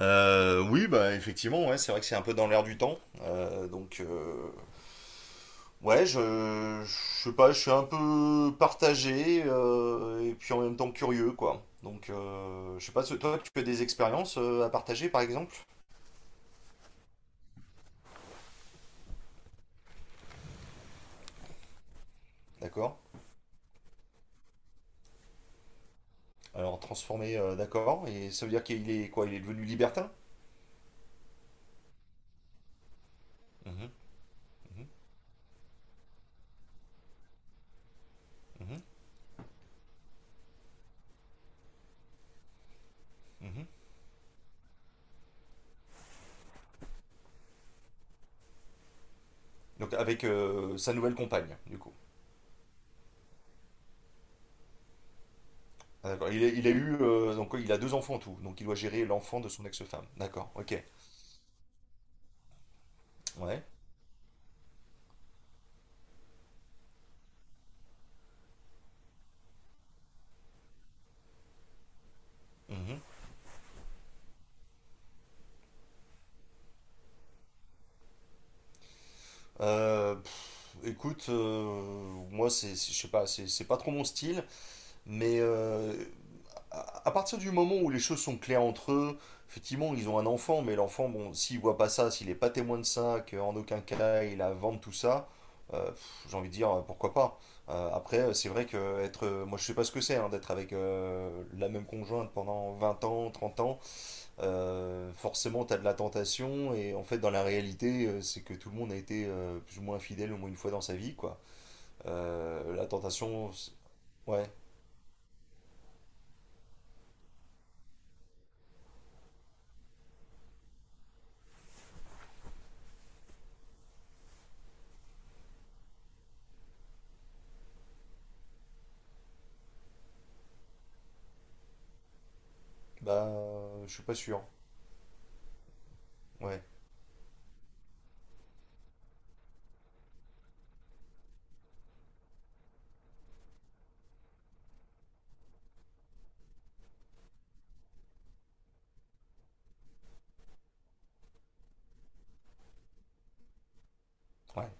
Oui, bah effectivement, ouais, c'est vrai que c'est un peu dans l'air du temps. Ouais, je sais pas, je suis un peu partagé et puis en même temps curieux, quoi. Je sais pas, toi, tu as des expériences à partager, par exemple? D'accord. Alors, transformé, d'accord. Et ça veut dire qu'il est quoi? Il est devenu libertin? Mhm. Mhm. Mhm. Mhm. Donc, avec sa nouvelle compagne, du coup. Ah, d'accord. Il a eu, donc, il a deux enfants en tout. Donc, il doit gérer l'enfant de son ex-femme. D'accord, ok. Ouais. Mhm. Pff, écoute, moi, je sais pas, c'est pas trop mon style, mais à partir du moment où les choses sont claires entre eux, effectivement, ils ont un enfant, mais l'enfant, bon, s'il voit pas ça, s'il est pas témoin de ça, qu'en aucun cas il a à vendre tout ça, j'ai envie de dire, pourquoi pas. Après, c'est vrai que être, moi, je sais pas ce que c'est, hein, d'être avec la même conjointe pendant 20 ans, 30 ans, forcément, tu as de la tentation, et en fait, dans la réalité, c'est que tout le monde a été plus ou moins fidèle au moins une fois dans sa vie, quoi. La tentation, ouais, bah, je suis pas sûr. Ouais, ouais,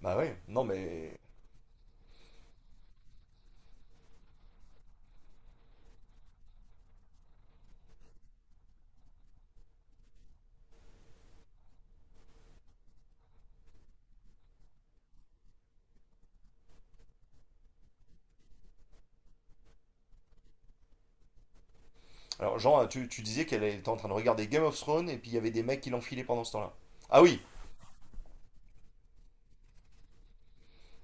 bah ouais, non mais. Alors, Jean, tu disais qu'elle était en train de regarder Game of Thrones, et puis il y avait des mecs qui l'enfilaient pendant ce temps-là. Ah oui!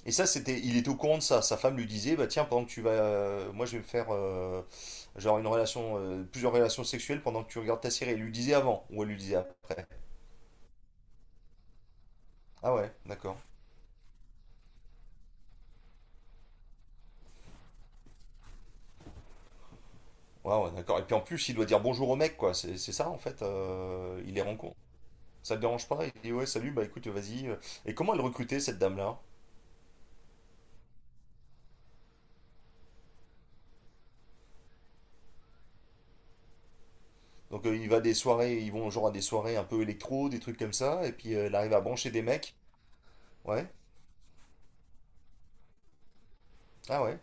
Et ça, c'était, il était au courant de ça. Sa femme lui disait, bah tiens, pendant que tu vas, moi je vais me faire genre une relation, plusieurs relations sexuelles pendant que tu regardes ta série. Elle lui disait avant, ou elle lui disait après. Ah ouais, d'accord. Ouais, ouais, d'accord. Et puis en plus, il doit dire bonjour au mec, quoi. C'est ça, en fait. Il les rencontre. Ça le dérange pas? Il dit, ouais, salut, bah écoute, vas-y. Et comment elle recrutait, cette dame-là? Donc, il va à des soirées, ils vont genre à des soirées un peu électro, des trucs comme ça. Et puis, elle arrive à brancher des mecs. Ouais. Ah ouais.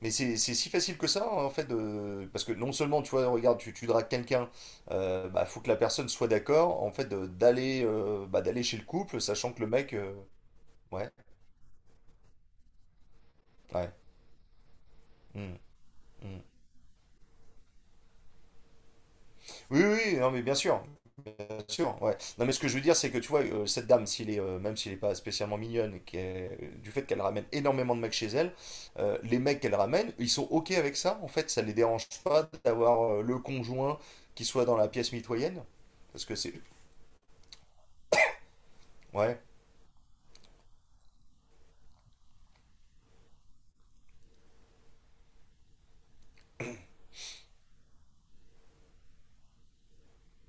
Mais c'est si facile que ça, hein, en fait. Parce que non seulement, tu vois, regarde, tu dragues quelqu'un, bah, faut que la personne soit d'accord, en fait, d'aller bah, d'aller chez le couple, sachant que le mec. Ouais, ouais. Hmm. Hmm. Oui, oui, oui, non, mais bien sûr. Sûr, ouais. Non, mais ce que je veux dire, c'est que tu vois, cette dame, même s'il n'est pas spécialement mignonne, du fait qu'elle ramène énormément de mecs chez elle, les mecs qu'elle ramène, ils sont OK avec ça, en fait, ça les dérange pas d'avoir le conjoint qui soit dans la pièce mitoyenne. Parce que c'est. Ouais.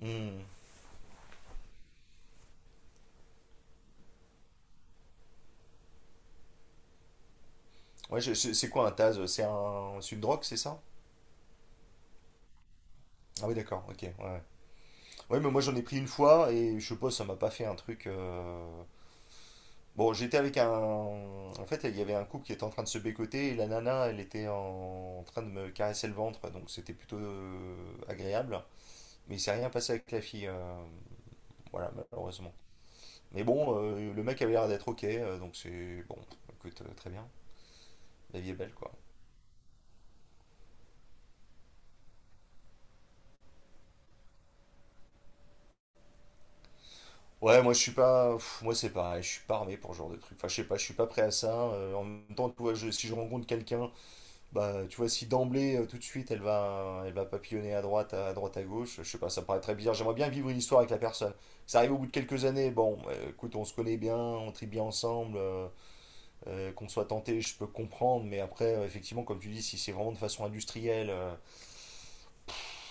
Hmm. Ouais, c'est quoi un Taz? C'est une drogue, c'est ça? Ah oui, d'accord, ok, ouais. Ouais, mais moi j'en ai pris une fois et je sais pas, ça m'a pas fait un truc. Bon, j'étais avec un. En fait, il y avait un couple qui était en train de se bécoter et la nana, elle était en train de me caresser le ventre, donc c'était plutôt agréable. Mais il s'est rien passé avec la fille, voilà, malheureusement. Mais bon, le mec avait l'air d'être ok, donc c'est bon, écoute, très bien. La vie est belle, quoi. Ouais, moi je suis pas. Pff, moi c'est pareil, je suis pas armé pour ce genre de truc. Enfin, je sais pas, je suis pas prêt à ça. En même temps, tu vois, si je rencontre quelqu'un. Bah, tu vois, si d'emblée, tout de suite, elle va papillonner à droite, à droite, à gauche, je sais pas, ça me paraît très bizarre. J'aimerais bien vivre une histoire avec la personne. Ça arrive au bout de quelques années, bon, écoute, on se connaît bien, on tripe bien ensemble, qu'on soit tenté, je peux comprendre, mais après, effectivement, comme tu dis, si c'est vraiment de façon industrielle,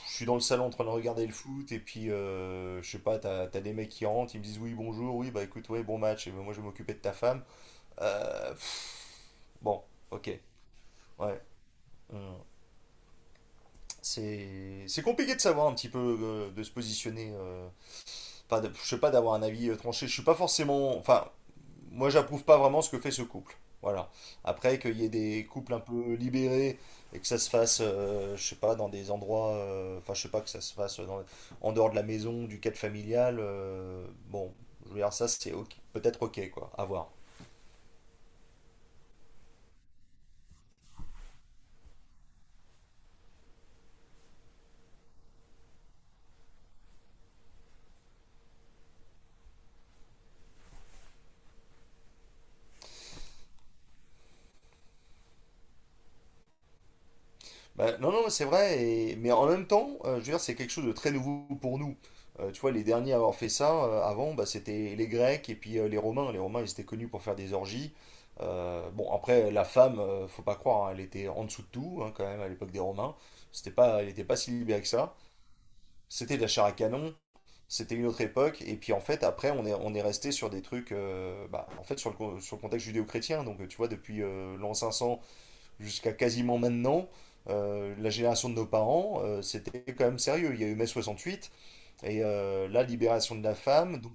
je suis dans le salon en train de regarder le foot, et puis, je sais pas, t'as des mecs qui rentrent, ils me disent oui, bonjour, oui, bah écoute, ouais, bon match, et ben, moi je vais m'occuper de ta femme. Euh, pff, bon, ok, ouais. Hum. C'est compliqué de savoir un petit peu de se positionner. Enfin, je sais pas, d'avoir un avis tranché. Je suis pas forcément. Enfin, moi, j'approuve pas vraiment ce que fait ce couple. Voilà. Après, qu'il y ait des couples un peu libérés et que ça se fasse, je sais pas, dans des endroits. Enfin, je sais pas, que ça se fasse en dehors de la maison, du cadre familial. Bon, je veux dire, ça, peut-être ok, quoi. À voir. Bah, non, non, c'est vrai, mais en même temps, je veux dire, c'est quelque chose de très nouveau pour nous. Tu vois, les derniers à avoir fait ça, avant, bah, c'était les Grecs et puis les Romains. Les Romains, ils étaient connus pour faire des orgies. Bon, après, la femme, faut pas croire, hein, elle était en dessous de tout, hein, quand même, à l'époque des Romains. C'était pas, elle n'était pas si libérée que ça. C'était de la chair à canon, c'était une autre époque. Et puis, en fait, après, on est resté sur des trucs, bah, en fait, sur le contexte judéo-chrétien. Donc, tu vois, depuis l'an 500 jusqu'à quasiment maintenant, la génération de nos parents, c'était quand même sérieux. Il y a eu mai 68 et la libération de la femme. Donc-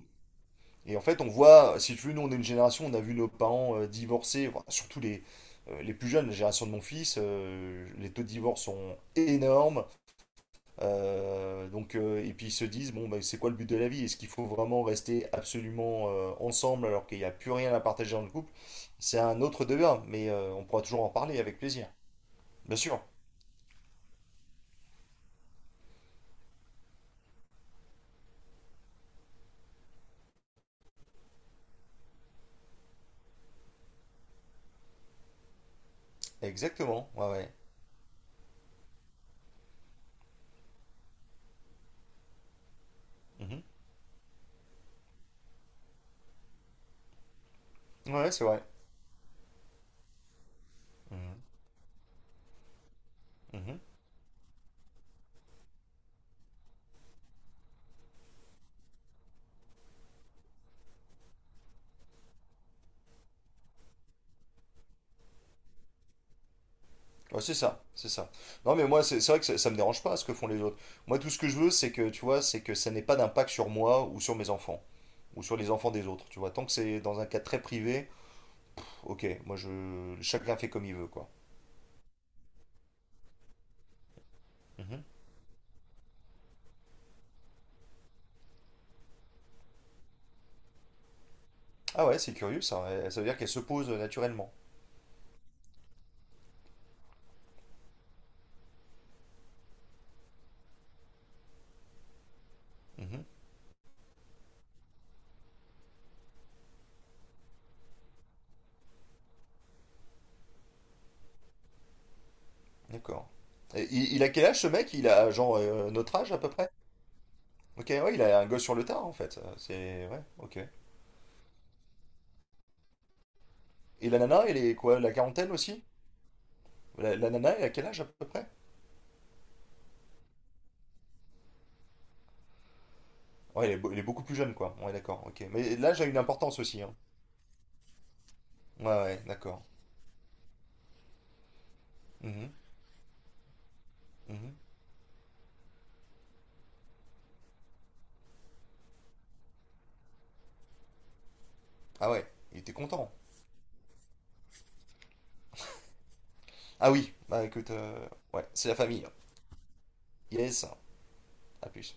Et en fait, on voit, si tu veux, nous, on est une génération, on a vu nos parents divorcer, enfin, surtout les plus jeunes, la génération de mon fils, les taux de divorce sont énormes. Et puis ils se disent, bon, bah, c'est quoi le but de la vie? Est-ce qu'il faut vraiment rester absolument ensemble alors qu'il n'y a plus rien à partager dans le couple? C'est un autre débat, mais on pourra toujours en parler avec plaisir. Bien sûr. Exactement, ouais, ouais. Mhm. Ouais, c'est vrai. Mhm. Mhm. Ouais, c'est ça, c'est ça. Non, mais moi, c'est vrai que ça me dérange pas ce que font les autres. Moi, tout ce que je veux, c'est que, tu vois, c'est que ça n'ait pas d'impact sur moi ou sur mes enfants, ou sur les enfants des autres, tu vois. Tant que c'est dans un cadre très privé, ok, moi, chacun fait comme il veut, quoi. Mhm. Ah ouais, c'est curieux, ça. Ça veut dire qu'elle se pose naturellement. Mhm. D'accord. Et il a quel âge, ce mec? Il a, genre, notre âge, à peu près? Ok, ouais, il a un gosse sur le tard, en fait. Ouais, ok. Et la nana, elle est quoi, la quarantaine aussi? La nana, elle a quel âge à peu près? Ouais, elle est beaucoup plus jeune, quoi. Ouais, d'accord, ok. Mais l'âge a une importance aussi, hein. Ouais, ouais, d'accord. Mhm. Mhm. Ah ouais, il était content. Ah oui, bah écoute, ouais, c'est la famille. Hein. Yes, à plus.